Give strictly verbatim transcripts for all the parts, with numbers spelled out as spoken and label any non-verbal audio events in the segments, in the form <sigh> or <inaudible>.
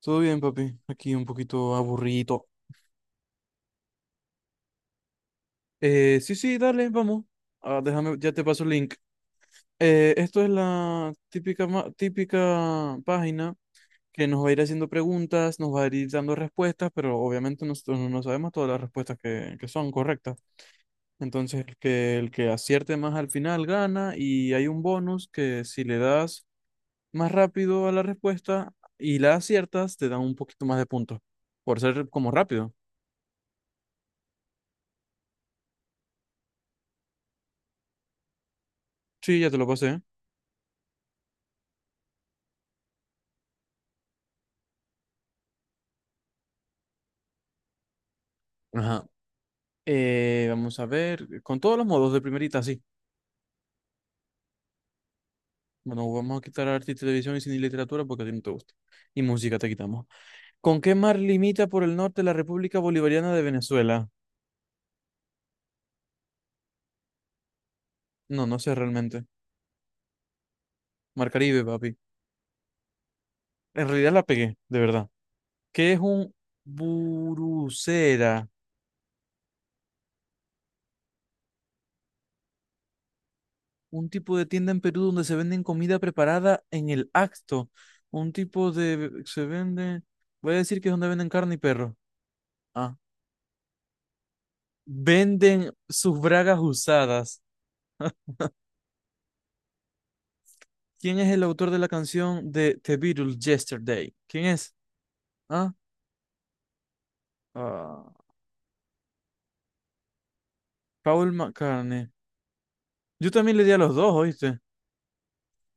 Todo bien, papi. Aquí un poquito aburrido. Eh, sí, sí, dale, vamos. Ah, déjame, ya te paso el link. Eh, esto es la típica, ma- típica página que nos va a ir haciendo preguntas, nos va a ir dando respuestas, pero obviamente nosotros no no sabemos todas las respuestas que, que son correctas. Entonces, el que, el que acierte más al final gana y hay un bonus que si le das más rápido a la respuesta y la aciertas, te dan un poquito más de puntos por ser como rápido. Sí, ya te lo pasé. Ajá. Eh, vamos a ver, con todos los modos de primerita, sí. Bueno, vamos a quitar arte y televisión y cine y literatura porque a ti no te gusta. Y música te quitamos. ¿Con qué mar limita por el norte la República Bolivariana de Venezuela? No, no sé realmente. Mar Caribe, papi. En realidad la pegué, de verdad. ¿Qué es un burucera? Un tipo de tienda en Perú donde se venden comida preparada en el acto. Un tipo de. Se vende. Voy a decir que es donde venden carne y perro. Ah. Venden sus bragas usadas. ¿Quién es el autor de la canción de The Beatles Yesterday? ¿Quién es? ¿Ah? ah, Paul McCartney. Yo también le di a los dos, ¿oíste?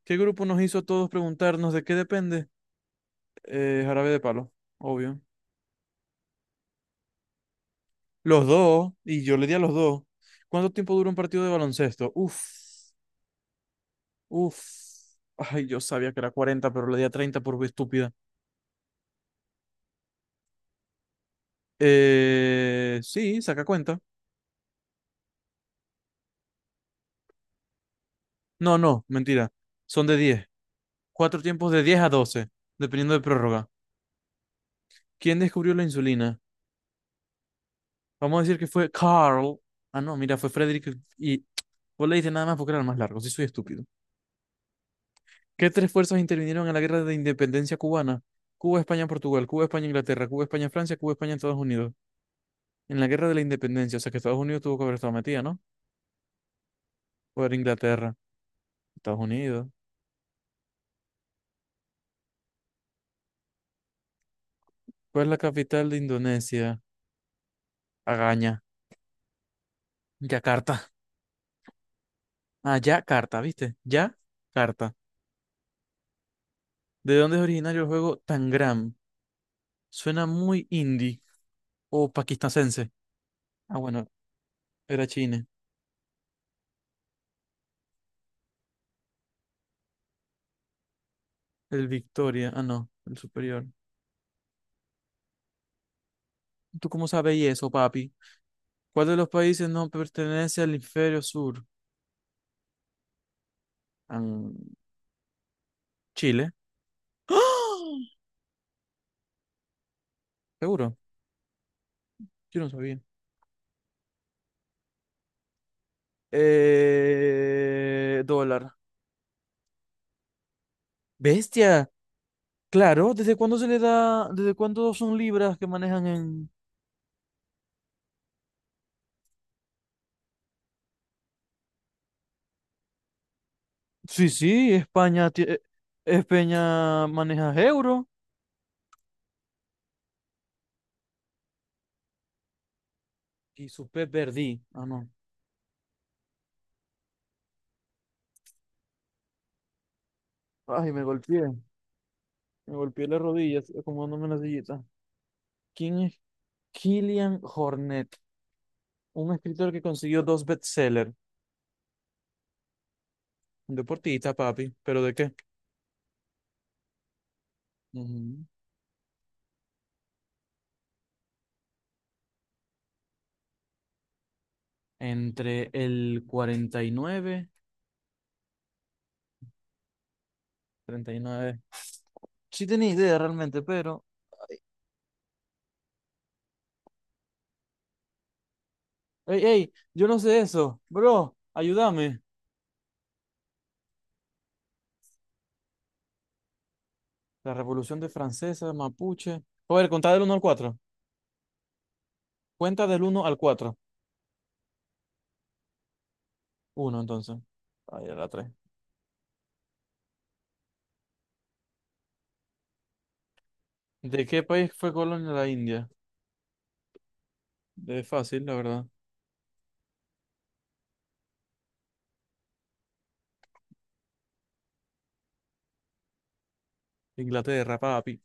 ¿Qué grupo nos hizo a todos preguntarnos de qué depende? Eh, Jarabe de Palo, obvio. Los dos, y yo le di a los dos. ¿Cuánto tiempo dura un partido de baloncesto? Uf, uf. Ay, yo sabía que era cuarenta, pero le di a treinta por estúpida. Eh, sí, saca cuenta. No, no, mentira. Son de diez. Cuatro tiempos de diez a doce, dependiendo de prórroga. ¿Quién descubrió la insulina? Vamos a decir que fue Carl. Ah, no, mira, fue Frederick y vos le dices nada más porque era el más largo, sí soy estúpido. ¿Qué tres fuerzas intervinieron en la guerra de independencia cubana? Cuba, España, Portugal, Cuba, España, Inglaterra, Cuba, España, Francia, Cuba, España, Estados Unidos. En la guerra de la independencia, o sea que Estados Unidos tuvo que haber estado metida, ¿no? O era Inglaterra, Estados Unidos. ¿Cuál es la capital de Indonesia? Agaña. Yakarta. Ah, Yakarta, ¿viste? Yakarta. ¿De dónde es originario el juego Tangram? Suena muy indie o pakistanense. Ah, bueno, era China. El Victoria. Ah, no, el superior. ¿Tú cómo sabes eso, papi? ¿Cuál de los países no pertenece al hemisferio sur? Am, Chile. ¡Ah! ¿Seguro? Yo no sabía. Eh, dólar. Bestia. Claro, ¿desde cuándo se le da, desde cuándo son libras que manejan en. Sí, sí, España, ti- eh, España maneja euro. Y su pez perdí. Ah, no. Ay, me golpeé. Me golpeé las rodillas, acomodando una sillita. ¿Quién es Killian Hornet? Un escritor que consiguió dos bestsellers. Un deportista, papi. ¿Pero de qué? Ujú. Entre el cuarenta y nueve, treinta y nueve. Sí tenía idea realmente, pero. ¡Ey, ey! Yo no sé eso. Bro, ayúdame. La Revolución de Francesa, Mapuche. A ver, contá del uno al cuatro. Cuenta del uno al cuatro. Uno entonces. Ahí era la tres. ¿De qué país fue colonia la India? De fácil, la verdad. Inglaterra, papi.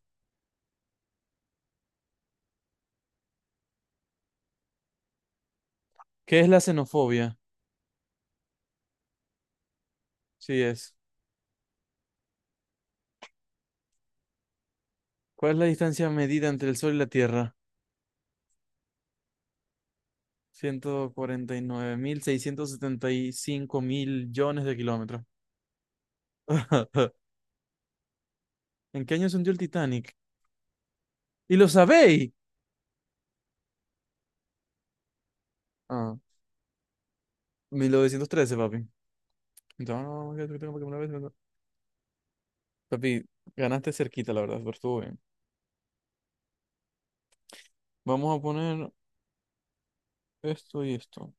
¿Qué es la xenofobia? Sí es. ¿Cuál es la distancia medida entre el Sol y la Tierra? ciento cuarenta y nueve mil seiscientos setenta y cinco millones de kilómetros. <laughs> ¿En qué año se hundió el Titanic? ¿Y lo sabéis? Ah, mil novecientos trece, papi. Entonces, no, que tengo que me la ves, no, no. Papi, ganaste cerquita, la verdad, pero estuvo bien. Vamos a poner esto y esto.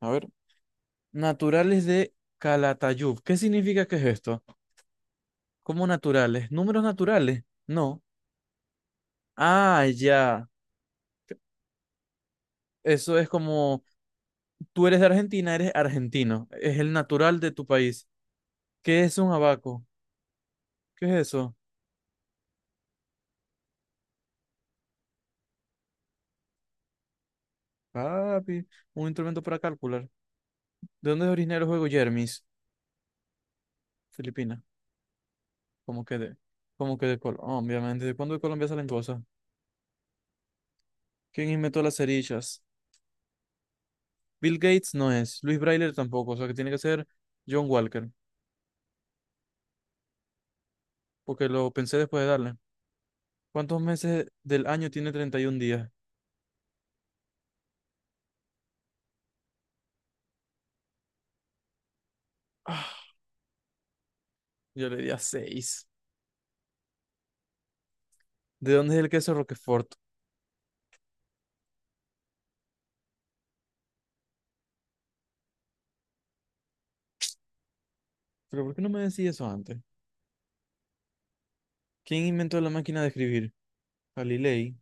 A ver. Naturales de Calatayud. ¿Qué significa que es esto? ¿Cómo naturales? ¿Números naturales? No. Ah, ya. Eso es como. Tú eres de Argentina, eres argentino. Es el natural de tu país. ¿Qué es un abaco? ¿Qué es eso? Papi, un instrumento para calcular. ¿De dónde es originario el juego Jermis? Filipinas. ¿Cómo que de? ¿Cómo que de Colombia? Obviamente. ¿De cuándo de Colombia salen cosas? ¿Quién inventó las cerillas? Bill Gates no es. Luis Braille tampoco. O sea que tiene que ser John Walker. Porque lo pensé después de darle. ¿Cuántos meses del año tiene treinta y un días? Ah, yo le di a seis. ¿De dónde es el queso Roquefort? Pero ¿por qué no me decís eso antes? ¿Quién inventó la máquina de escribir? Galilei.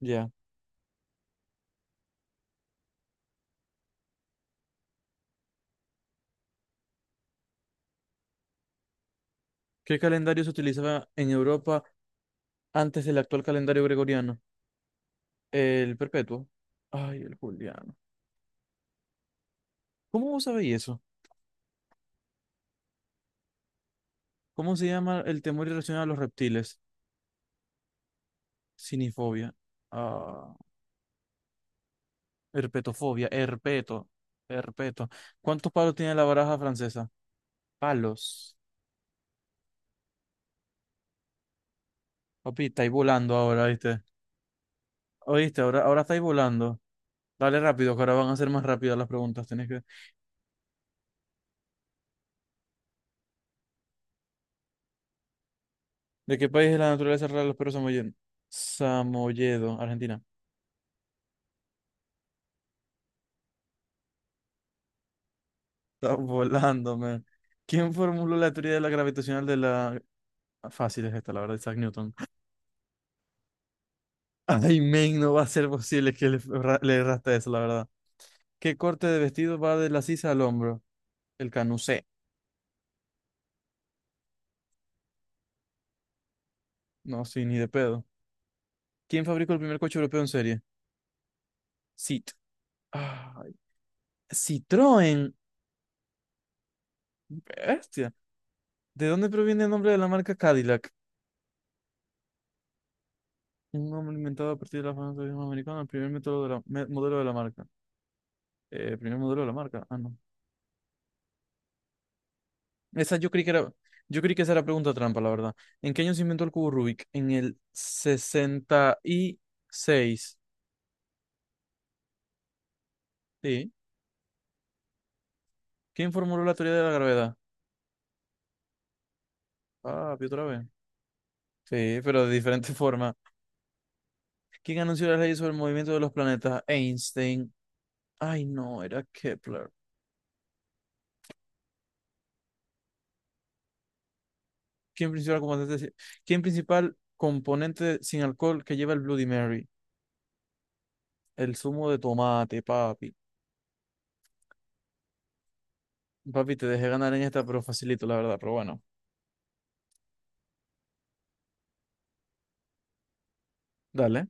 Ya. ¿Qué calendario se utilizaba en Europa antes del actual calendario gregoriano? El perpetuo. Ay, el juliano. ¿Cómo vos sabéis eso? ¿Cómo se llama el temor irracional a los reptiles? Cinifobia. Ah, herpetofobia. Herpeto. Herpeto. ¿Cuántos palos tiene la baraja francesa? Palos. Papi, estáis volando ahora, ¿viste? ¿Oíste? Ahora, ahora estáis volando. Dale rápido, que ahora van a ser más rápidas las preguntas. Tenés que. ¿De qué país es la naturaleza rara de los perros samoyedos? Samoyedo, Argentina. Está volando, man. ¿Quién formuló la teoría de la gravitacional de la. Fácil es esta, la verdad, Isaac Newton. <laughs> Ay, men, no va a ser posible que le, erra- le erraste eso, la verdad. ¿Qué corte de vestido va de la sisa al hombro? El canucé. No, sí, ni de pedo. ¿Quién fabricó el primer coche europeo en serie? Cit. Ay, Citroën. Bestia. ¿De dónde proviene el nombre de la marca Cadillac? Un nombre inventado a partir de la famosa idioma americana, el primer método de la, me- modelo de la marca. Eh, primer modelo de la marca. Ah, no. Esa yo creí que era, yo creí que esa era pregunta trampa, la verdad. ¿En qué año se inventó el cubo Rubik? En el sesenta y seis. Sí. ¿Quién formuló la teoría de la gravedad? Papi, otra vez. Sí, pero de diferente <laughs> forma. ¿Quién anunció las leyes sobre el movimiento de los planetas? Einstein. Ay, no, era Kepler. ¿Quién principal componente, ¿Quién principal componente sin alcohol que lleva el Bloody Mary? El zumo de tomate, papi. Papi, te dejé ganar en esta, pero facilito, la verdad, pero bueno. Dale.